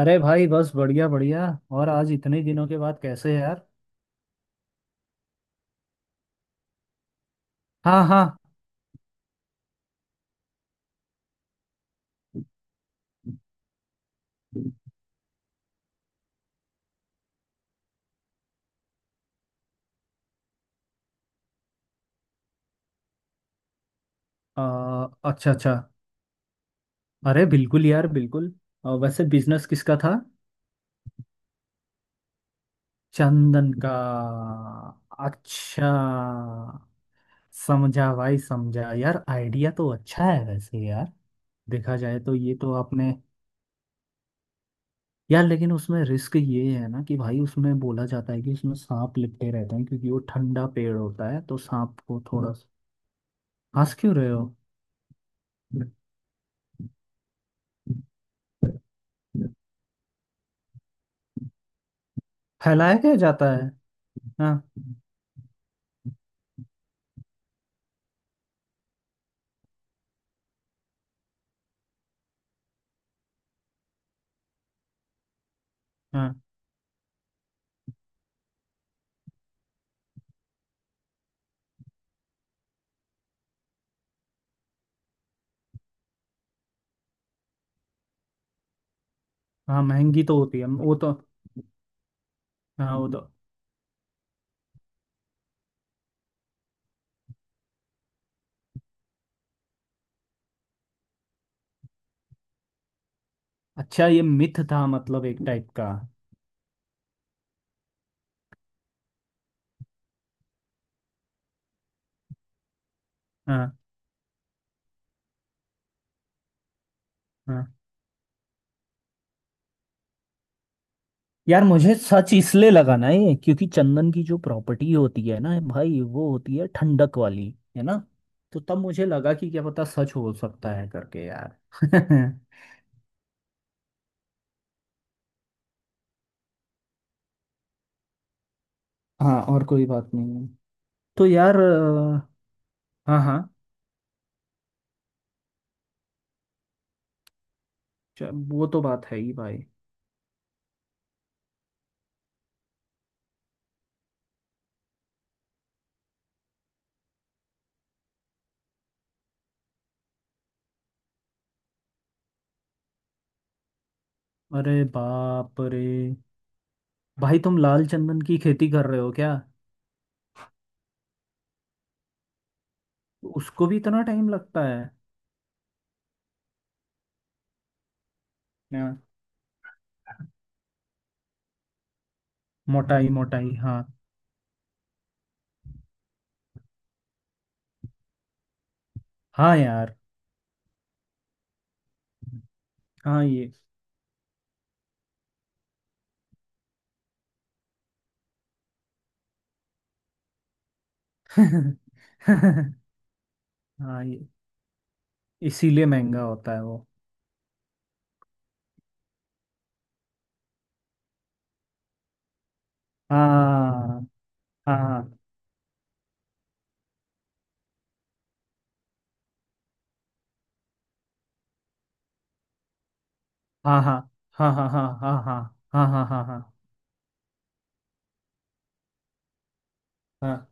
अरे भाई, बस बढ़िया बढ़िया। और आज इतने दिनों के बाद कैसे है यार। हाँ हाँ। अच्छा अच्छा। अरे बिल्कुल यार, बिल्कुल। वैसे बिजनेस किसका था। चंदन का। अच्छा। समझा भाई समझा, यार आइडिया तो अच्छा है वैसे। यार देखा जाए तो ये तो आपने। यार लेकिन उसमें रिस्क ये है ना कि भाई, उसमें बोला जाता है कि उसमें सांप लिपटे रहते हैं क्योंकि वो ठंडा पेड़ होता है तो सांप को थोड़ा। हंस क्यों रहे हो। फैलाया क्या जाता है। हाँ हाँ। हाँ महंगी तो होती है वो तो। हाँ वो तो। अच्छा, ये मिथ था मतलब, एक टाइप का। हाँ हाँ। यार मुझे सच इसलिए लगा ना ये क्योंकि चंदन की जो प्रॉपर्टी होती है ना भाई, वो होती है ठंडक वाली। है ना। तो तब मुझे लगा कि क्या पता सच हो सकता है करके यार। हाँ, और कोई बात नहीं है। तो यार हाँ हाँ। वो तो बात है ही भाई। अरे बाप रे। भाई तुम लाल चंदन की खेती कर रहे हो क्या। उसको भी इतना टाइम लगता है। हाँ, मोटाई मोटाई हाँ। हाँ यार। हाँ ये हाँ, ये इसीलिए महंगा होता है वो। हाँ हाँ हाँ हाँ हाँ हाँ हाँ हाँ हाँ हाँ हाँ हाँ हाँ हाँ।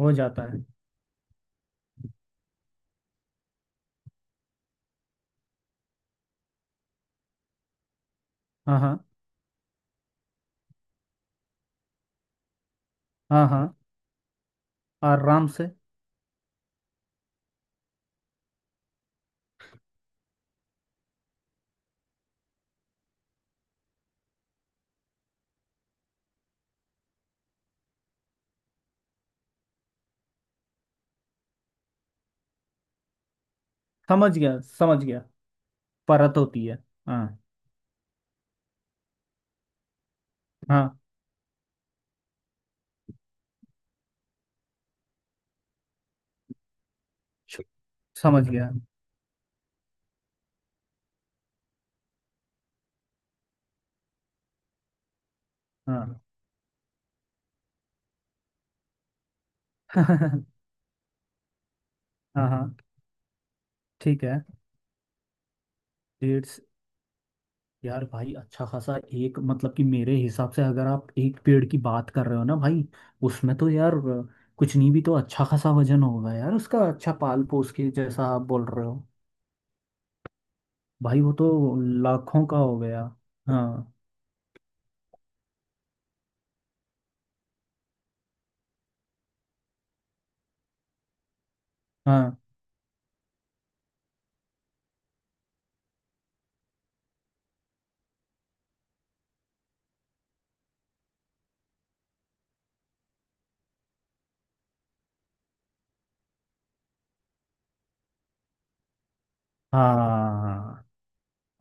हो जाता है। हाँ हाँ हाँ हाँ। आराम से। समझ गया समझ गया। परत होती है। हाँ हाँ। छु- समझ गया। हाँ। हाँ हाँ, ठीक है। डेढ़। यार भाई अच्छा खासा एक, मतलब कि मेरे हिसाब से अगर आप एक पेड़ की बात कर रहे हो ना भाई, उसमें तो यार कुछ नहीं भी तो अच्छा खासा वजन होगा यार उसका, अच्छा पाल पोस के जैसा आप बोल रहे हो। भाई वो तो लाखों का हो गया। हाँ हाँ हाँ हाँ।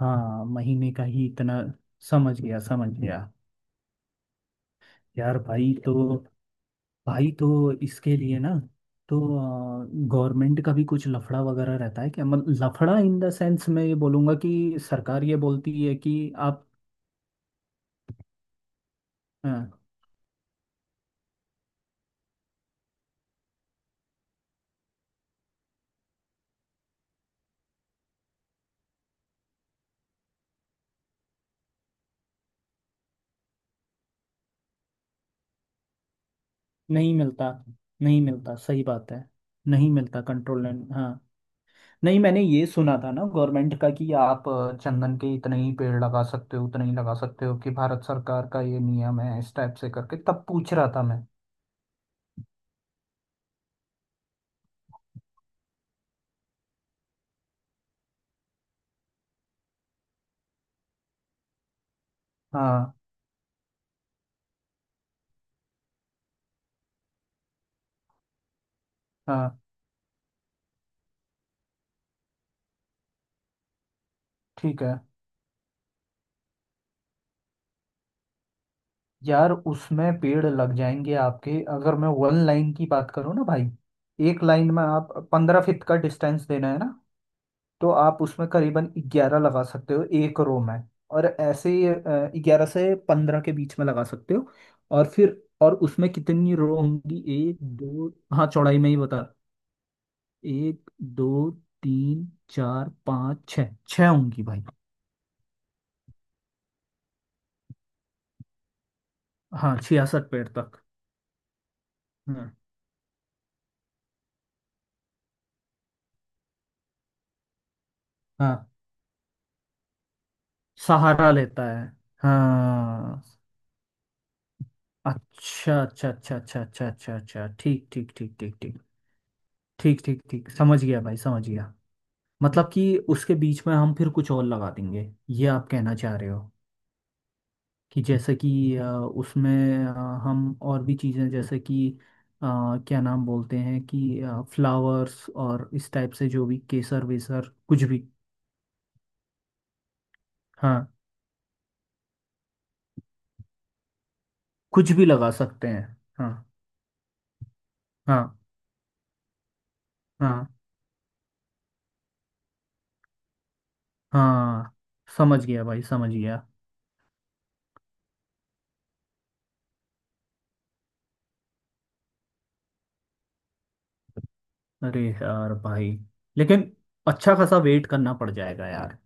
हाँ, महीने का ही इतना। समझ गया समझ गया। यार भाई, तो भाई तो इसके लिए ना, तो गवर्नमेंट का भी कुछ लफड़ा वगैरह रहता है क्या, मतलब लफड़ा इन द सेंस मैं ये बोलूँगा कि सरकार ये बोलती है कि आप। हाँ। नहीं मिलता। नहीं मिलता, सही बात है। नहीं मिलता कंट्रोल लाइन, हाँ। नहीं, मैंने ये सुना था ना गवर्नमेंट का कि आप चंदन के इतने ही पेड़ लगा सकते हो, उतने ही लगा सकते हो, कि भारत सरकार का ये नियम है इस टाइप से करके, तब पूछ रहा था मैं। हाँ हाँ, ठीक है। यार उसमें पेड़ लग जाएंगे आपके, अगर मैं वन लाइन की बात करूँ ना भाई। एक लाइन में आप 15 फीट का डिस्टेंस देना है ना, तो आप उसमें करीबन 11 लगा सकते हो एक रो में। और ऐसे ही 11 से 15 के बीच में लगा सकते हो। और फिर और उसमें कितनी रो होंगी। एक दो। हाँ चौड़ाई में ही बता। एक, दो, तीन, चार, पाँच, छः, छः होंगी भाई। हाँ 66 पेड़ तक। हाँ हाँ, सहारा लेता है। हाँ। अच्छा अच्छा अच्छा अच्छा अच्छा अच्छा अच्छा, ठीक ठीक ठीक ठीक ठीक ठीक ठीक ठीक। समझ गया भाई समझ गया। मतलब कि उसके बीच में हम फिर कुछ और लगा देंगे, ये आप कहना चाह रहे हो। कि जैसे कि उसमें हम और भी चीज़ें जैसे कि अ, क्या नाम बोलते हैं, कि फ्लावर्स और इस टाइप से जो भी केसर वेसर कुछ भी। हाँ, कुछ भी लगा सकते हैं। हाँ हाँ हाँ हाँ। समझ गया भाई समझ गया। अरे यार भाई, लेकिन अच्छा खासा वेट करना पड़ जाएगा यार।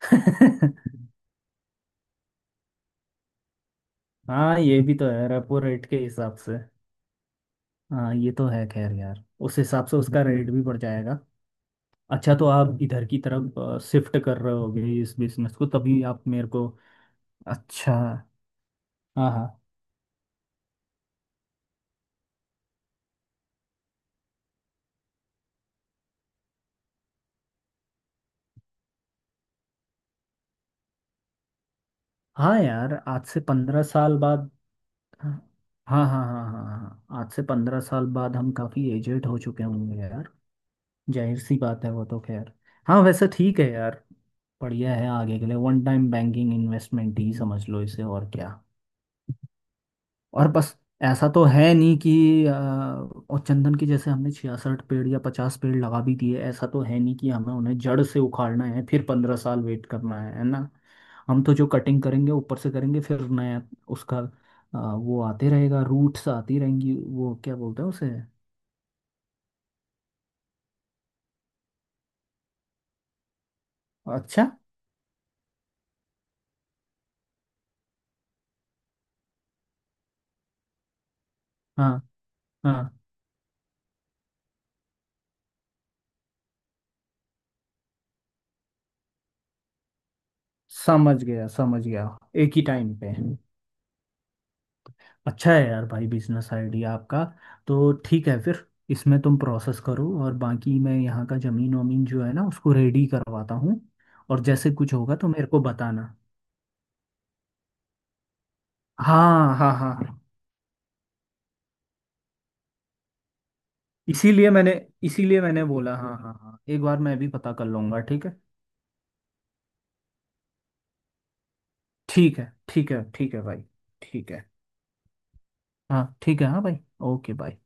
हाँ ये भी तो है, रेपो रेट के हिसाब से। हाँ ये तो है खैर, यार उस हिसाब से उसका रेट भी बढ़ जाएगा। अच्छा, तो आप इधर की तरफ शिफ्ट कर रहे होगे इस बिजनेस को, तभी आप मेरे को। अच्छा। हाँ हाँ हाँ। यार आज से 15 साल बाद। हाँ हाँ हाँ हाँ हाँ। हाँ, आज से 15 साल बाद हम काफ़ी एजेड हो चुके होंगे यार। जाहिर सी बात है वो तो खैर। हाँ वैसे ठीक है यार। बढ़िया है आगे के लिए, वन टाइम बैंकिंग इन्वेस्टमेंट ही समझ लो इसे और क्या। और बस, ऐसा तो है नहीं कि और चंदन की जैसे हमने 66 पेड़ या 50 पेड़ लगा भी दिए, ऐसा तो है नहीं कि हमें उन्हें जड़ से उखाड़ना है फिर 15 साल वेट करना है ना। हम तो जो कटिंग करेंगे ऊपर से करेंगे, फिर नया उसका वो आते रहेगा, रूट्स आती रहेंगी, वो क्या बोलते हैं उसे। अच्छा। हाँ हाँ, समझ गया समझ गया। एक ही टाइम पे। अच्छा है यार भाई, बिजनेस आइडिया आपका। तो ठीक है फिर, इसमें तुम प्रोसेस करो और बाकी मैं यहाँ का जमीन वमीन जो है ना उसको रेडी करवाता हूँ। और जैसे कुछ होगा तो मेरे को बताना। हाँ हाँ हाँ हाँ। इसीलिए मैंने इसीलिए मैंने बोला, हाँ हाँ हाँ, एक बार मैं भी पता कर लूँगा, ठीक है। ठीक है ठीक है ठीक है भाई। ठीक है। हाँ ठीक है। हाँ भाई, ओके बाय।